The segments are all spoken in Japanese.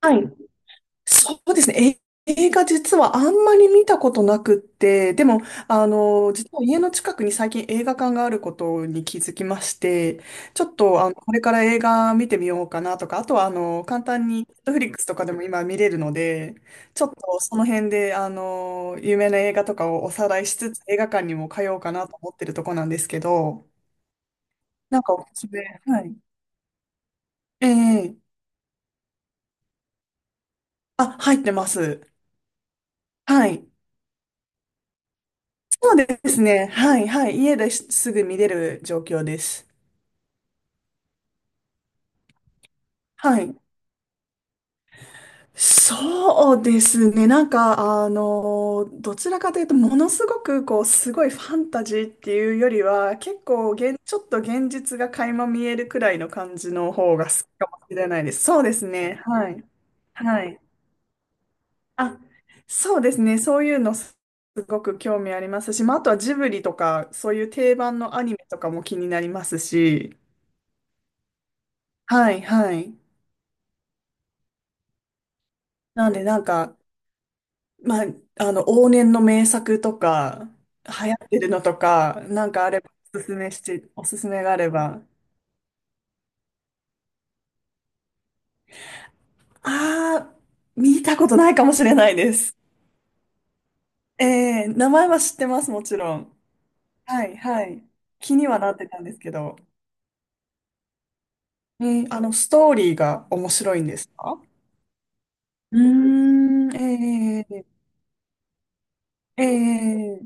はい。そうですね。映画実はあんまり見たことなくって、でも、実は家の近くに最近映画館があることに気づきまして、ちょっと、これから映画見てみようかなとか、あとは、簡単に Netflix とかでも今見れるので、ちょっとその辺で、有名な映画とかをおさらいしつつ、映画館にも通おうかなと思ってるとこなんですけど、なんかおすすめ、はい。ええあ、入ってます。はい。そうですね。はい、はい。家ですぐ見れる状況です。はい。そうですね。なんか、どちらかというと、ものすごく、こう、すごいファンタジーっていうよりは、結構ちょっと現実が垣間見えるくらいの感じの方が好きかもしれないです。そうですね。はい。はい。あ、そうですね。そういうのすごく興味ありますし、まあ、あとはジブリとか、そういう定番のアニメとかも気になりますし、はい、はい。なんでなんか、まあ、往年の名作とか、流行ってるのとか、なんかあれば、おすすめして、おすすめがあれば。あー、見たことないかもしれないです。名前は知ってます、もちろん。はい、はい。気にはなってたんですけど。ストーリーが面白いんですか？うーん、ー、え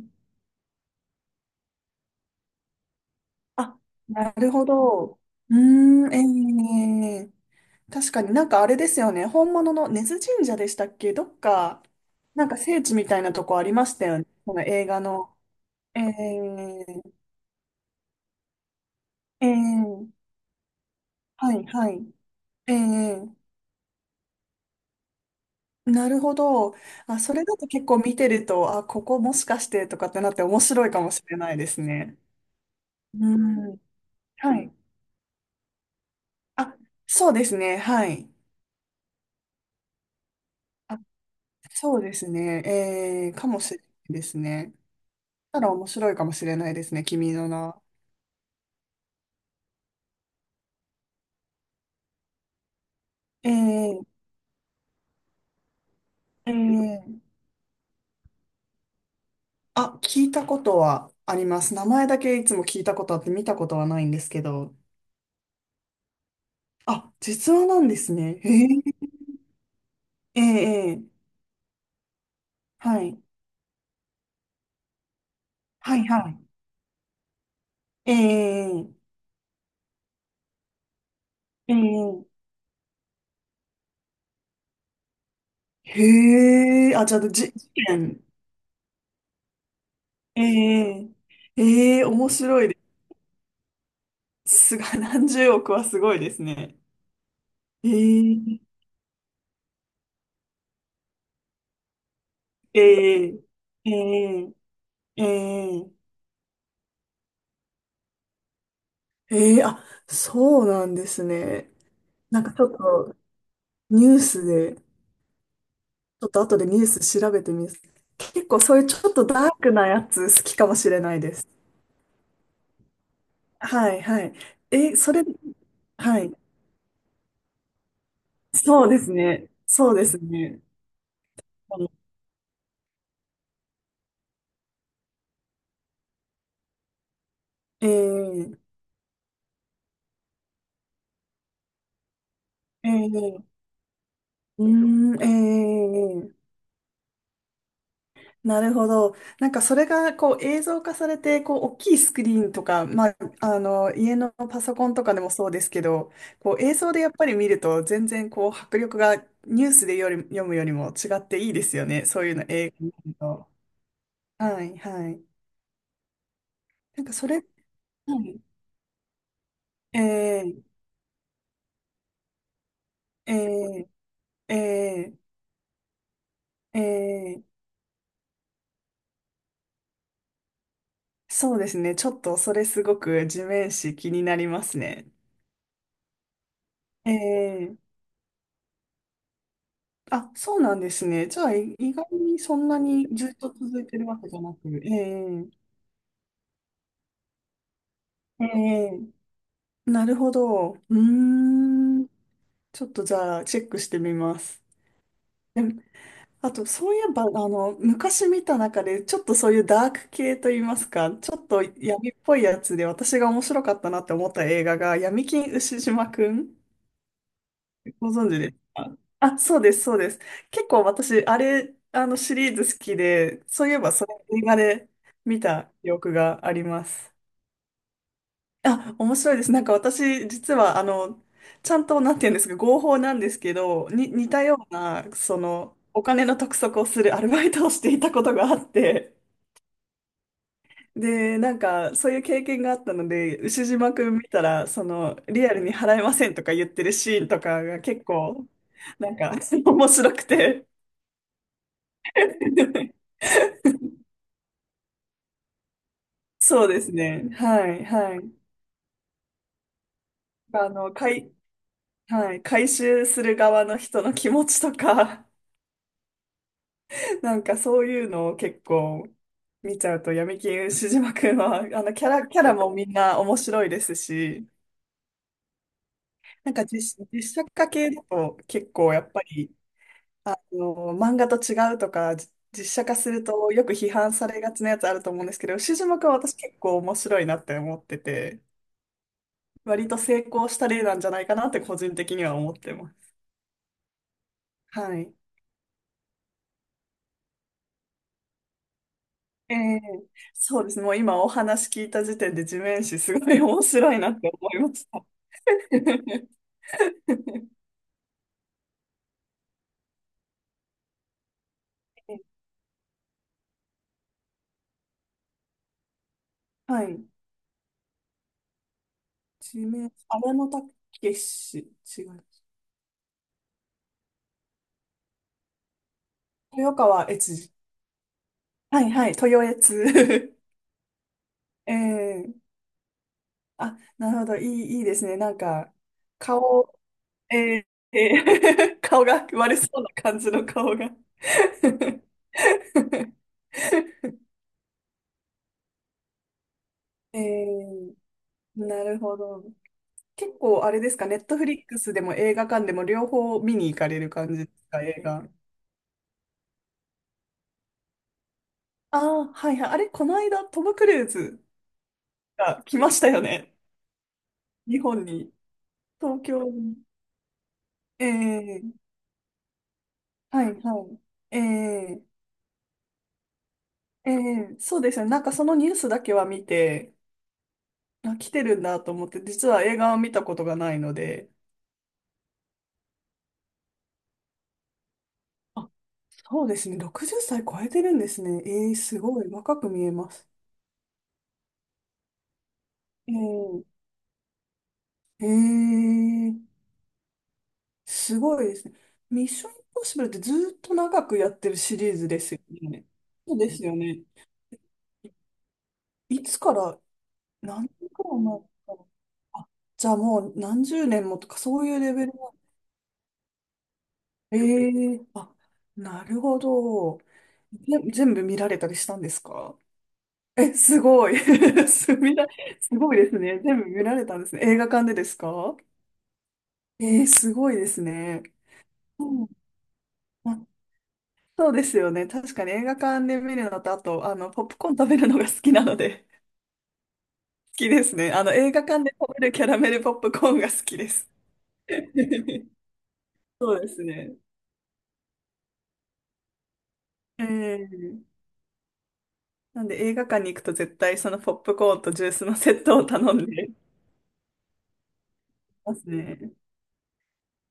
あ、なるほど。うーん、えー、確かになんかあれですよね。本物の根津神社でしたっけどっか、なんか聖地みたいなとこありましたよね。この映画の。えー、えー、はい、はい。ええ、なるほど。あ、それだと結構見てると、あ、ここもしかしてとかってなって面白いかもしれないですね。うん。はい。あ、そうですね。はい。あ、そうですね。ええかもしれないですね。たら面白いかもしれないですね。君の名は。ええええ、あ、聞いたことはあります。名前だけいつも聞いたことあって見たことはないんですけど。あ、実話なんですね。へえ、ええ、ええ、はい。はい、はい。ええ、ええ、へえ、あ、じゃあ、事件。ええ、ええ、面白いです。何十億はすごいですね。ええ、ええ、ええ、ええ、ええ、あ、そうなんですね。なんかちょっとニュースで、ちょっと後でニュース調べてみます。結構そういうちょっとダークなやつ好きかもしれないです。はいはい。それ、はい。そうですね。そうですね。えのえー、えー、うーん、ー、なるほど。なんかそれがこう映像化されて、こう大きいスクリーンとか、まあ、あの家のパソコンとかでもそうですけど、こう映像でやっぱり見ると全然こう迫力がニュースでより読むよりも違っていいですよね。そういうの映画見ると。はいはい。なんかそれ、はい、ええええええ、そうですね。ちょっとそれすごく地面師気になりますね。ええ。あ、そうなんですね。じゃあ、意外にそんなにずっと続いてるわけじゃなく、ええ、ええ、なるほど。うーん。ちょっとじゃあ、チェックしてみます。でも、あと、そういえば、昔見た中で、ちょっとそういうダーク系といいますか、ちょっと闇っぽいやつで、私が面白かったなって思った映画が、闇金牛島くん。ご存知ですか？あ、そうです、そうです。結構私、あれ、あのシリーズ好きで、そういえばそれ映画で見た記憶があります。あ、面白いです。なんか私、実は、ちゃんと、なんて言うんですか、合法なんですけど、似たような、その、お金の督促をするアルバイトをしていたことがあって、で、なんか、そういう経験があったので、牛島くん見たら、その、リアルに払えませんとか言ってるシーンとかが結構、なんか、面白くて。そうですね。はい、はい。あの、回、はい、回収する側の人の気持ちとか、なんかそういうのを結構見ちゃうと、闇金牛島くんは、キャラもみんな面白いですし、なんか実写化系だと結構やっぱり、漫画と違うとか、実写化するとよく批判されがちなやつあると思うんですけど、牛島君は私結構面白いなって思ってて、割と成功した例なんじゃないかなって個人的には思ってます。はい。ええ、そうですね。もう今お話聞いた時点で地面師すごい面白いなって思いました。はい。地面師、荒野武し、違う。豊川悦司。はいはい、豊悦。ええ、あ、なるほど。いい、いいですね。なんか、顔、えーえ顔が悪そうな感じの顔が えーなるほど。結構あれですか、ネットフリックスでも映画館でも両方見に行かれる感じですか、映画。ああ、はいはい。あれ、この間、トム・クルーズが来ましたよね。日本に。東京に。ええ、はいはい。えそうですよね。なんかそのニュースだけは見て、あ、来てるんだと思って、実は映画は見たことがないので、あ、そうですね。60歳超えてるんですね。ええ、すごい。若く見えます。ええ、ええ、すごいですね。ミッションインポッシブルってずっと長くやってるシリーズですよね。そうですよね。いつから、何年くらい前から。あ、じゃあもう何十年もとか、そういうレベル。ええ、あ、なるほど。全部見られたりしたんですか？え、すごい。すみだすごいですね。全部見られたんですね。映画館でですか？えー、すごいですね。うん、あ、そうですよね。確かに映画館で見るのと、あと、ポップコーン食べるのが好きなので、好きですね。映画館で食べるキャラメルポップコーンが好きです。そうですね。えーなんで映画館に行くと絶対そのポップコーンとジュースのセットを頼んでますね。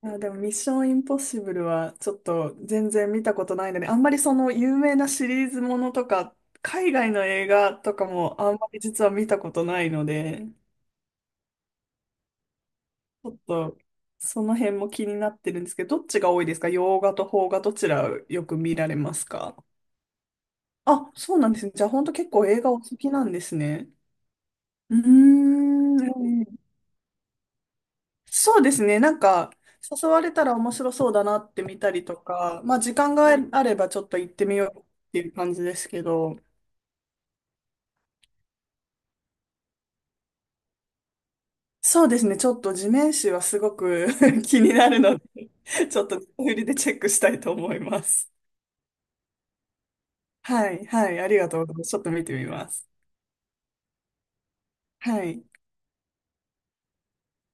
いや、でもミッションインポッシブルはちょっと全然見たことないので、あんまりその有名なシリーズものとか、海外の映画とかもあんまり実は見たことないので、ちょっとその辺も気になってるんですけど、どっちが多いですか？洋画と邦画どちらよく見られますか？あ、そうなんですね。じゃあ本当結構映画お好きなんですね。うーん。そうですね。なんか、誘われたら面白そうだなって見たりとか、まあ時間があればちょっと行ってみようっていう感じですけど、そうですね。ちょっと地面師はすごく 気になるので、ちょっと振りでチェックしたいと思います。はい、はい、ありがとうございます。ちょっと見てみます。はい。